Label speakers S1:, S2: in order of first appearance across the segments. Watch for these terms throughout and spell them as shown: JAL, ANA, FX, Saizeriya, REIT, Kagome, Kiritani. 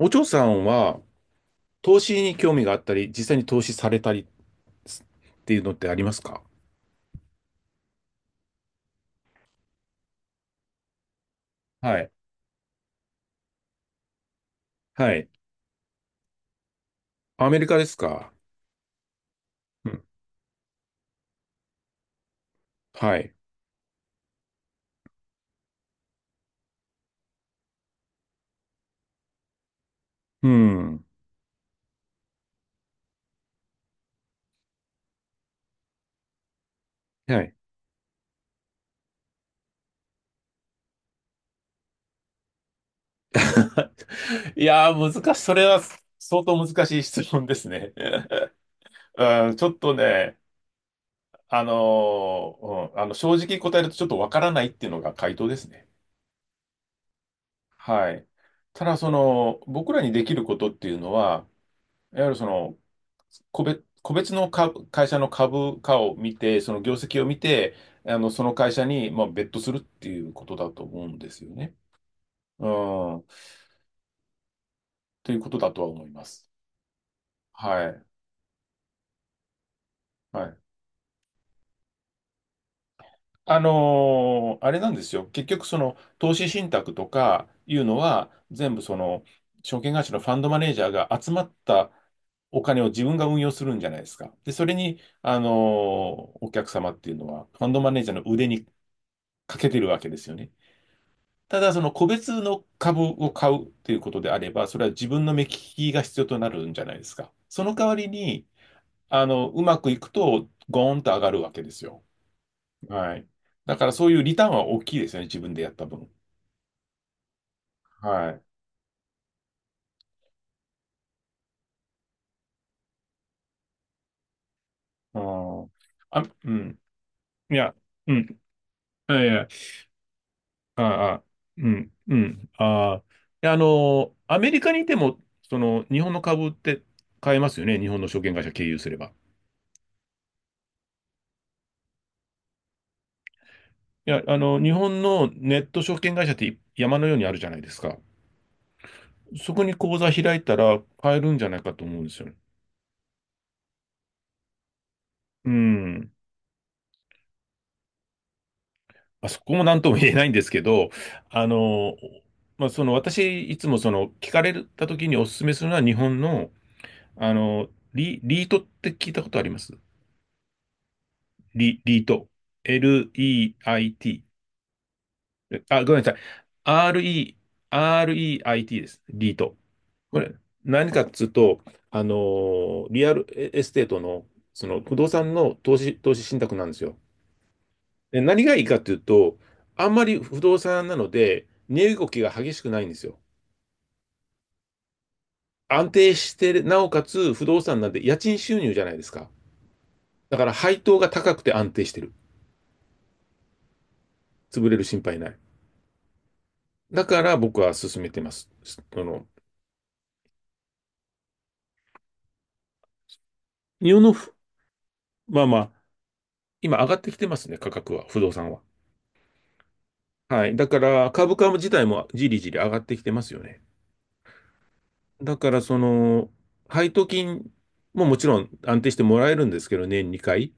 S1: お嬢さんは投資に興味があったり、実際に投資されたりっていうのってありますか？はい。はい。アメリカですか？うん。はい。うん。はい。いやー、難しい。それは相当難しい質問ですね。うん、ちょっとね、正直答えるとちょっとわからないっていうのが回答ですね。はい。ただ、その、僕らにできることっていうのは、いわゆるその、個別の株会社の株価を見て、その業績を見て、あの、その会社に、まあ、ベットするっていうことだと思うんですよね。うん。ということだとは思います。はい。はい。あれなんですよ。結局、その、投資信託とかいうのは、全部その、証券会社のファンドマネージャーが集まったお金を自分が運用するんじゃないですか。で、それに、お客様っていうのは、ファンドマネージャーの腕にかけてるわけですよね。ただ、その個別の株を買うということであれば、それは自分の目利きが必要となるんじゃないですか。その代わりに、あの、うまくいくと、ゴーンと上がるわけですよ。はい。だから、そういうリターンは大きいですよね、自分でやった分。はい。うん。あ、うん。いや、うん。いやいや、ああ、うん、うん。ああ。いやあの、アメリカにいても、その、日本の株って買えますよね、日本の証券会社経由すれば。いや、あの、日本のネット証券会社って山のようにあるじゃないですか。そこに口座開いたら買えるんじゃないかと思うんですよね。うん。あそこも何とも言えないんですけど、あの、まあ、その私、いつもその聞かれた時にお勧めするのは日本の、あの、リートって聞いたことありますリート。L-E-I-T。あ、ごめんなさい。R-E、R-E-I-T です。リート。これ、何かっつうと、あのーリアルエステートの、その不動産の投資信託なんですよ。で、何がいいかっていうと、あんまり不動産なので、値動きが激しくないんですよ。安定してる、なおかつ不動産なんで家賃収入じゃないですか。だから配当が高くて安定してる。潰れる心配ない。だから僕は勧めてます。その、日本のふ、まあまあ、今上がってきてますね、価格は、不動産は。はい。だから株価自体もじりじり上がってきてますよね。だからその、配当金ももちろん安定してもらえるんですけど、年2回。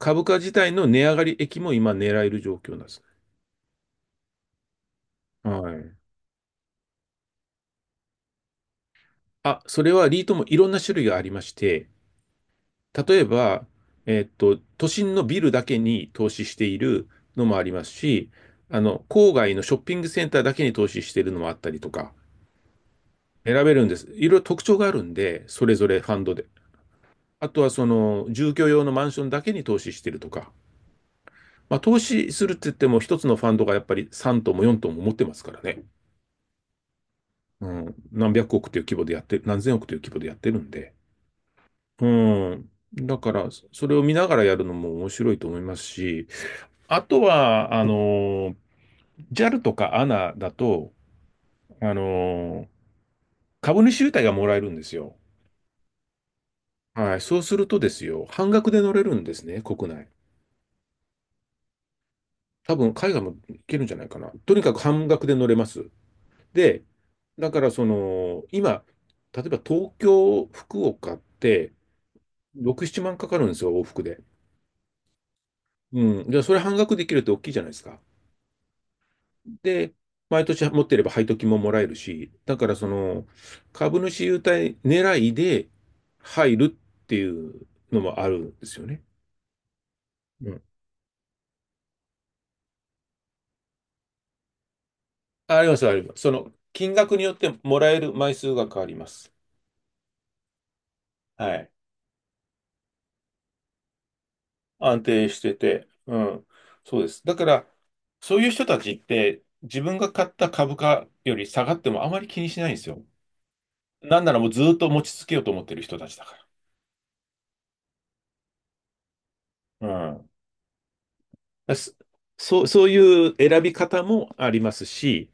S1: 株価自体の値上がり益も今狙える状況なんですね。はい。あ、それはリートもいろんな種類がありまして、例えば、都心のビルだけに投資しているのもありますし、あの、郊外のショッピングセンターだけに投資しているのもあったりとか、選べるんです。いろいろ特徴があるんで、それぞれファンドで。あとはその、住居用のマンションだけに投資してるとか。まあ、投資するって言っても、一つのファンドがやっぱり3トンも4トンも持ってますからね。うん。何百億という規模でやってる、何千億という規模でやってるんで。うん。だから、それを見ながらやるのも面白いと思いますし、あとは、あの、JAL とか ANA だと、あの、株主優待がもらえるんですよ。はい。そうするとですよ、半額で乗れるんですね、国内。多分、海外も行けるんじゃないかな。とにかく半額で乗れます。で、だからその、今、例えば東京、福岡って、6、7万かかるんですよ、往復で。うん。じゃあ、それ半額できるって大きいじゃないですか。で、毎年持ってれば配当金ももらえるし、だからその、株主優待狙いで入るっていうのもあるんですよね。うん。あります、あります。その、金額によってもらえる枚数が変わります。はい。安定してて、うん、そうです。だから、そういう人たちって自分が買った株価より下がってもあまり気にしないんですよ。なんならもうずっと持ち続けようと思ってる人たちだから。うん。だすそう、そういう選び方もありますし、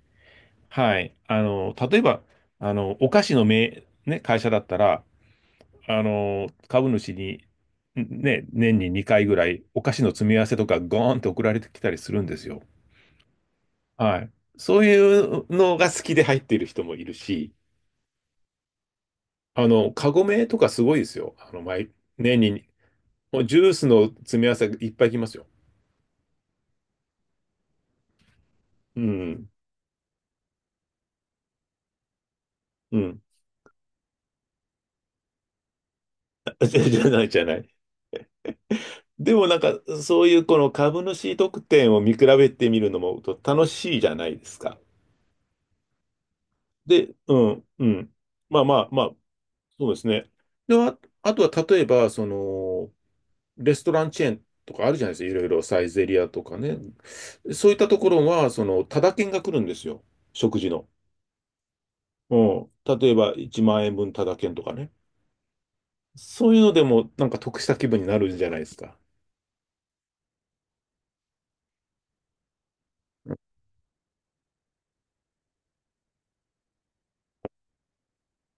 S1: はい。あの、例えば、あの、お菓子のめね、会社だったら、あの、株主に、年に2回ぐらいお菓子の詰め合わせとかゴーンって送られてきたりするんですよ。はい。そういうのが好きで入っている人もいるし、あの、カゴメとかすごいですよ。あの、年に、もうジュースの詰め合わせいっぱい来ますよ。うん。うん。じゃないじゃない。でもなんか、そういうこの株主特典を見比べてみるのもと楽しいじゃないですか。で、うん、うん。まあまあまあ、そうですね。で、あとは例えば、その、レストランチェーンとかあるじゃないですか。いろいろサイゼリアとかね。そういったところは、その、タダ券が来るんですよ。食事の。うん。例えば、1万円分タダ券とかね。そういうのでも、なんか得した気分になるんじゃないですか。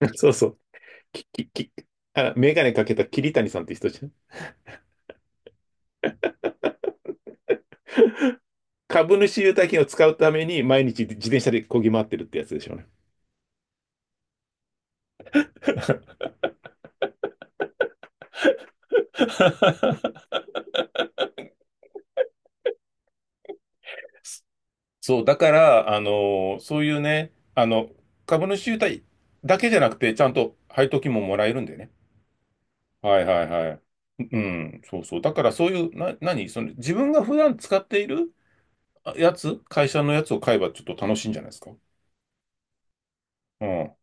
S1: そうそう。き、き、き、あ、メガネかけた桐谷さんって人じゃん。株主優待券を使うために、毎日自転車で漕ぎ回ってるってやつでしょうね。そう、だから、あのそういうね、あの、株主優待だけじゃなくて、ちゃんと配当金ももらえるんでね。はいはいはい。うん、そうそう。だからそういう、何その自分が普段使っているあやつ、会社のやつを買えばちょっと楽しいんじゃないですか。うん。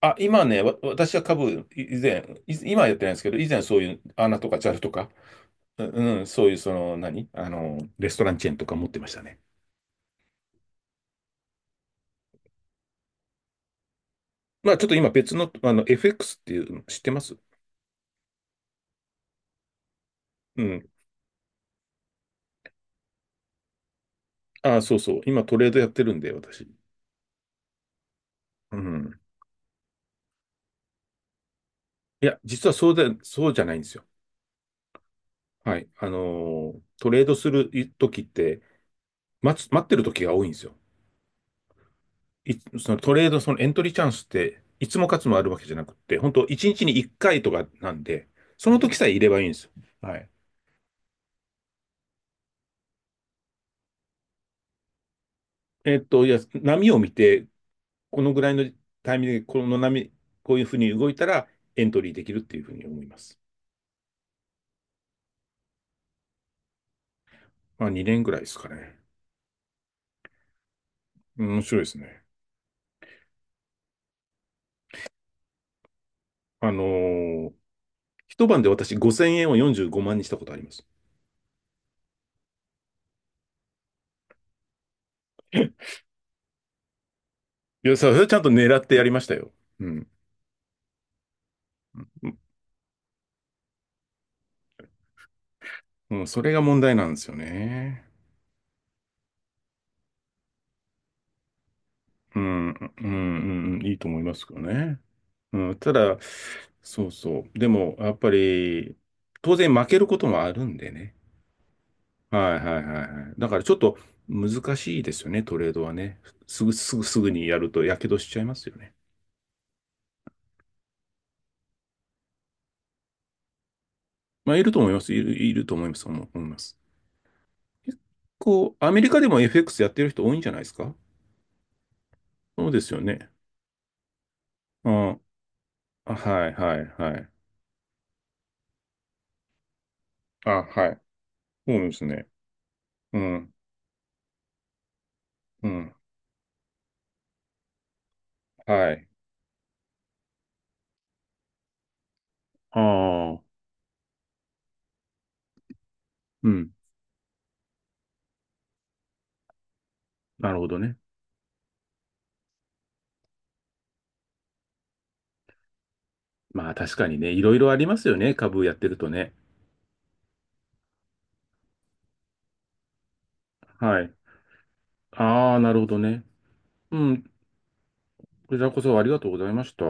S1: あ、今ね、私は株、い以前、い今はやってないんですけど、以前そういう穴とか JAL とか、ううん、そういうその、何あの、レストランチェーンとか持ってましたね。まあちょっと今別の、あの、FX っていうの知ってますうん。あ、そうそう。今トレードやってるんで、私。うん。いや、実はそうで、そうじゃないんですよ。はい。あのートレードする時って、待ってる時が多いんですよ。い、そのトレード、そのエントリーチャンスって、いつも勝つもあるわけじゃなくって、本当1日に1回とかなんで、その時さえいればいいんですよ。はい。いや、波を見て、このぐらいのタイミングで、この波、こういうふうに動いたら、エントリーできるっていうふうに思います。まあ、2年ぐらいですかね。うん面白いですね。あのー一晩で私5000円を45万にしたことあります。いや、それはちゃんと狙ってやりましたよ。うん。もうそれが問題なんですよね。うん、うん、うん、うんいいと思いますけどね。うん、ただ、そうそう。でも、やっぱり、当然負けることもあるんでね。はいはいはいはい。だからちょっと難しいですよね、トレードはね。すぐにやると火傷しちゃいますよね。まあ、いると思います。いると思います。思います。結構、アメリカでも FX やってる人多いんじゃないですか？そうですよね。うん。あはいはいはい。あ、はい。そうですね。うん。うん。はい。ああ、うん。なるほどね。まあ確かにね、いろいろありますよね。株やってるとね。はい。ああ、なるほどね。うん。こちらこそありがとうございました。